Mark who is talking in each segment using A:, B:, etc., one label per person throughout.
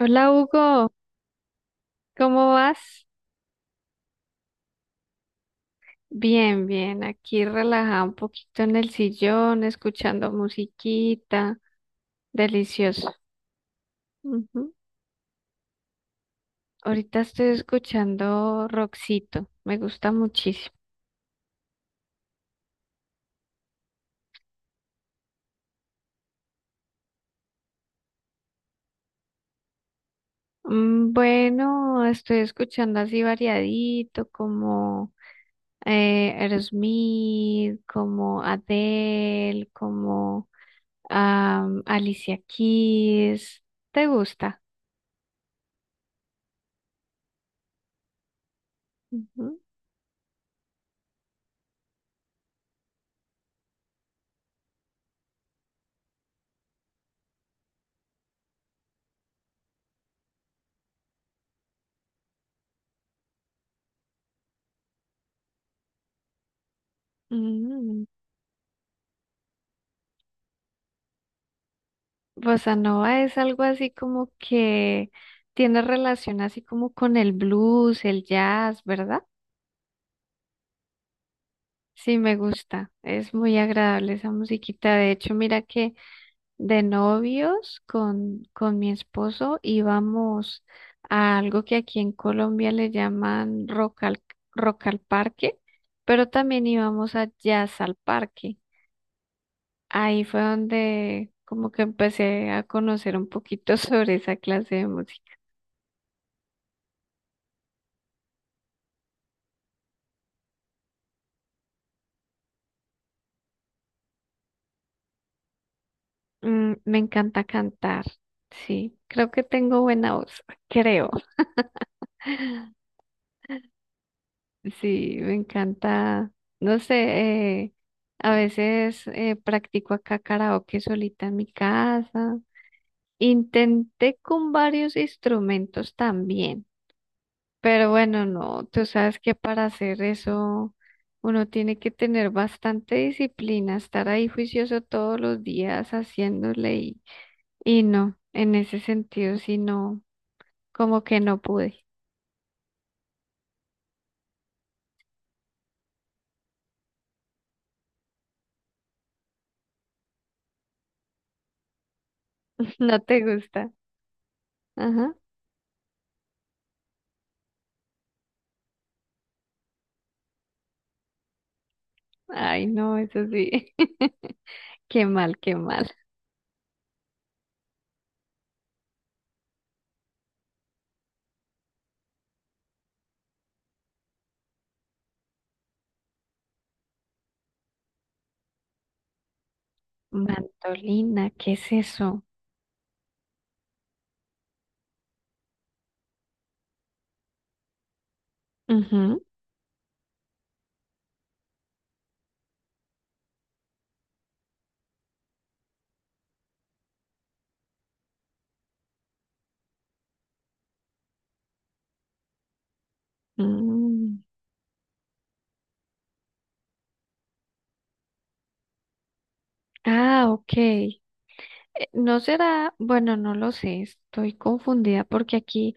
A: Hola Hugo, ¿cómo vas? Bien, bien, aquí relajada un poquito en el sillón, escuchando musiquita, delicioso. Ujú. Ahorita estoy escuchando Roxito, me gusta muchísimo. Bueno, estoy escuchando así variadito, como Aerosmith, como Adele, como Alicia Keys. ¿Te gusta? Ujú. Mm. Bossa nova es algo así como que tiene relación así como con el blues, el jazz, ¿verdad? Sí, me gusta. Es muy agradable esa musiquita. De hecho, mira que de novios con mi esposo íbamos a algo que aquí en Colombia le llaman rock al parque, pero también íbamos a jazz al parque. Ahí fue donde como que empecé a conocer un poquito sobre esa clase de música. Me encanta cantar, sí. Creo que tengo buena voz, creo. Sí, me encanta. No sé, eh, a veces practico acá karaoke solita en mi casa. Intenté con varios instrumentos también, pero bueno, no, tú sabes que para hacer eso uno tiene que tener bastante disciplina, estar ahí juicioso todos los días haciéndole y no, en ese sentido, sí no. Como que no pude. No te gusta. Ajá. Ay, no, eso sí. Qué mal, qué mal. Mantolina, ¿qué es eso? Ujú. Mm. Ah, ok. No será, bueno, no lo sé, estoy confundida porque aquí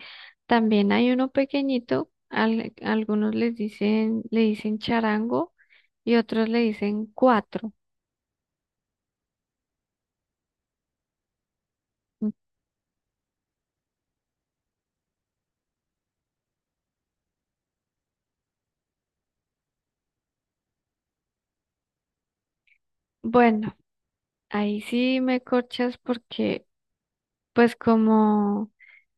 A: también hay uno pequeñito, algunos les dicen, le dicen charango y otros le dicen cuatro. Bueno, ahí sí me corchas porque pues como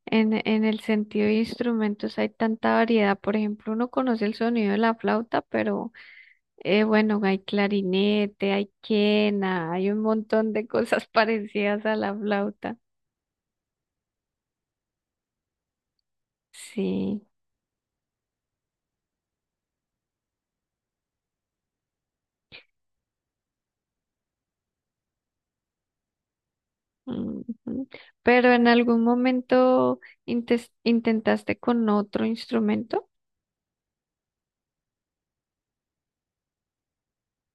A: en el sentido de instrumentos hay tanta variedad. Por ejemplo, uno conoce el sonido de la flauta, pero bueno, hay clarinete, hay quena, hay un montón de cosas parecidas a la flauta. Sí. Ujú. Pero en algún momento intentaste con otro instrumento.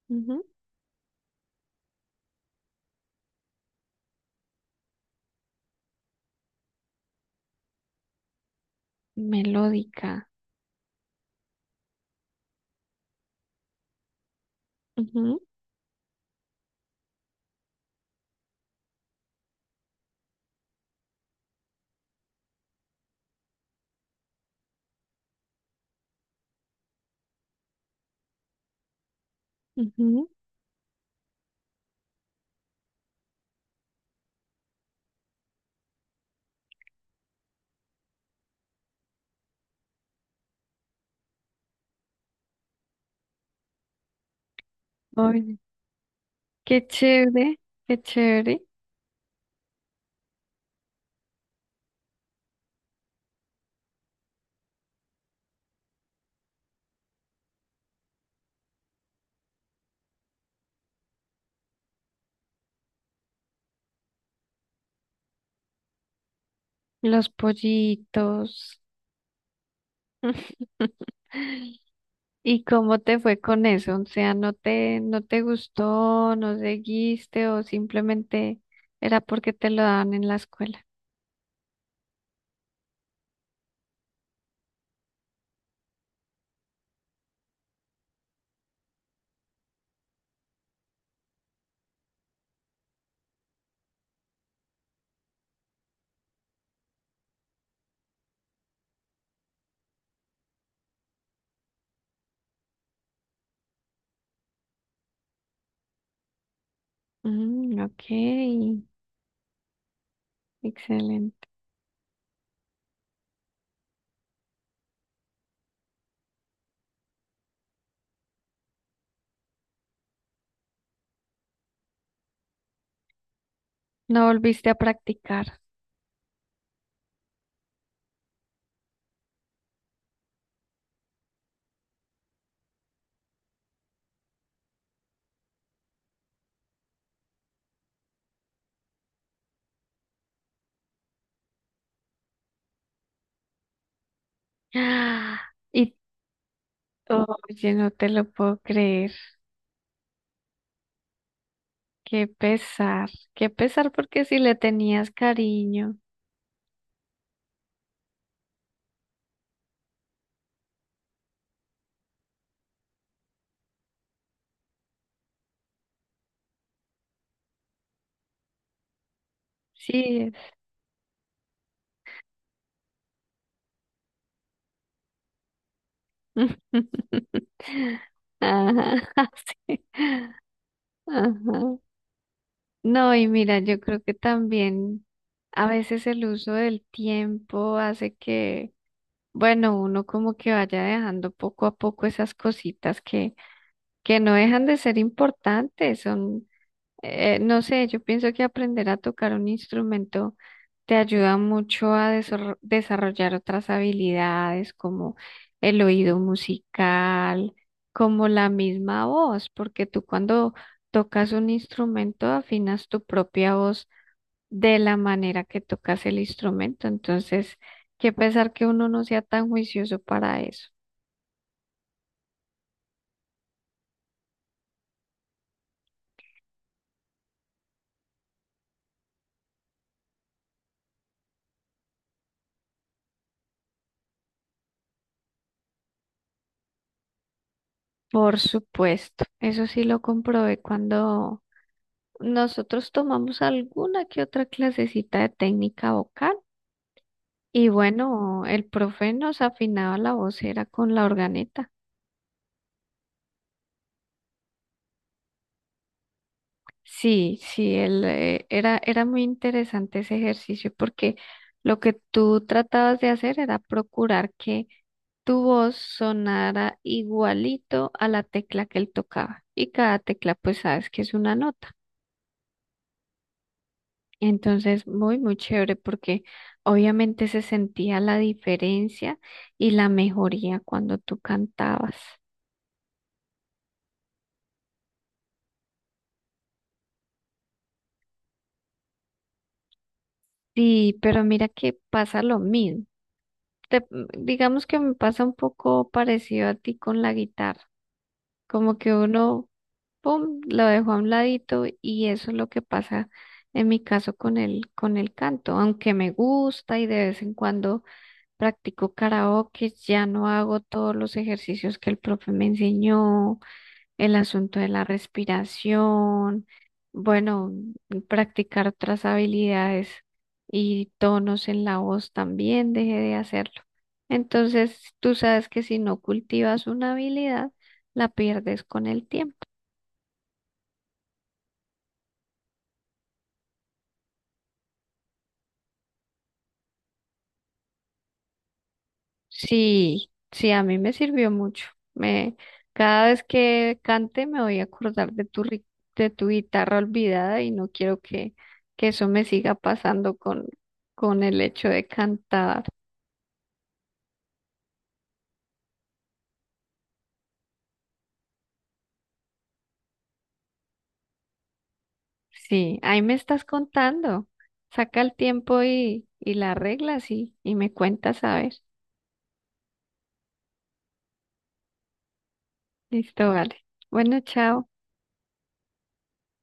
A: Ujú. Melódica. Ujú, ujú. Oye, qué chévere, qué chévere. Los pollitos. ¿Y cómo te fue con eso? O sea, ¿no te, no te gustó, no seguiste o simplemente era porque te lo daban en la escuela? Mm, ok, excelente. No volviste a practicar. ¡Ah! Y, oye, no te lo puedo creer. Qué pesar porque si le tenías cariño. Sí. Es. Ajá, sí. Ajá. No, y mira, yo creo que también a veces el uso del tiempo hace que, bueno, uno como que vaya dejando poco a poco esas cositas que no dejan de ser importantes, son no sé, yo pienso que aprender a tocar un instrumento te ayuda mucho a desarrollar otras habilidades como el oído musical, como la misma voz, porque tú cuando tocas un instrumento afinas tu propia voz de la manera que tocas el instrumento. Entonces, qué pesar que uno no sea tan juicioso para eso. Por supuesto, eso sí lo comprobé cuando nosotros tomamos alguna que otra clasecita de técnica vocal y bueno, el profe nos afinaba la voz, era con la organeta. Sí, sí, él, era muy interesante ese ejercicio porque lo que tú tratabas de hacer era procurar que tu voz sonara igualito a la tecla que él tocaba y cada tecla pues sabes que es una nota. Entonces, muy, muy chévere porque obviamente se sentía la diferencia y la mejoría cuando tú cantabas. Sí, pero mira que pasa lo mismo. Te- digamos que me pasa un poco parecido a ti con la guitarra, como que uno, pum, lo dejó a un ladito y eso es lo que pasa en mi caso con con el canto, aunque me gusta y de vez en cuando practico karaoke, ya no hago todos los ejercicios que el profe me enseñó el asunto de la respiración, bueno, practicar otras habilidades y tonos en la voz también dejé de hacerlo. Entonces, tú sabes que si no cultivas una habilidad, la pierdes con el tiempo. Sí, sí, a mí me sirvió mucho. Me, cada vez que cante me voy a acordar de tu, de tu guitarra olvidada y no quiero que eso me siga pasando con el hecho de cantar. Sí, ahí me estás contando. Saca el tiempo y la arreglas y me cuentas a ver. Listo, vale. Bueno, chao.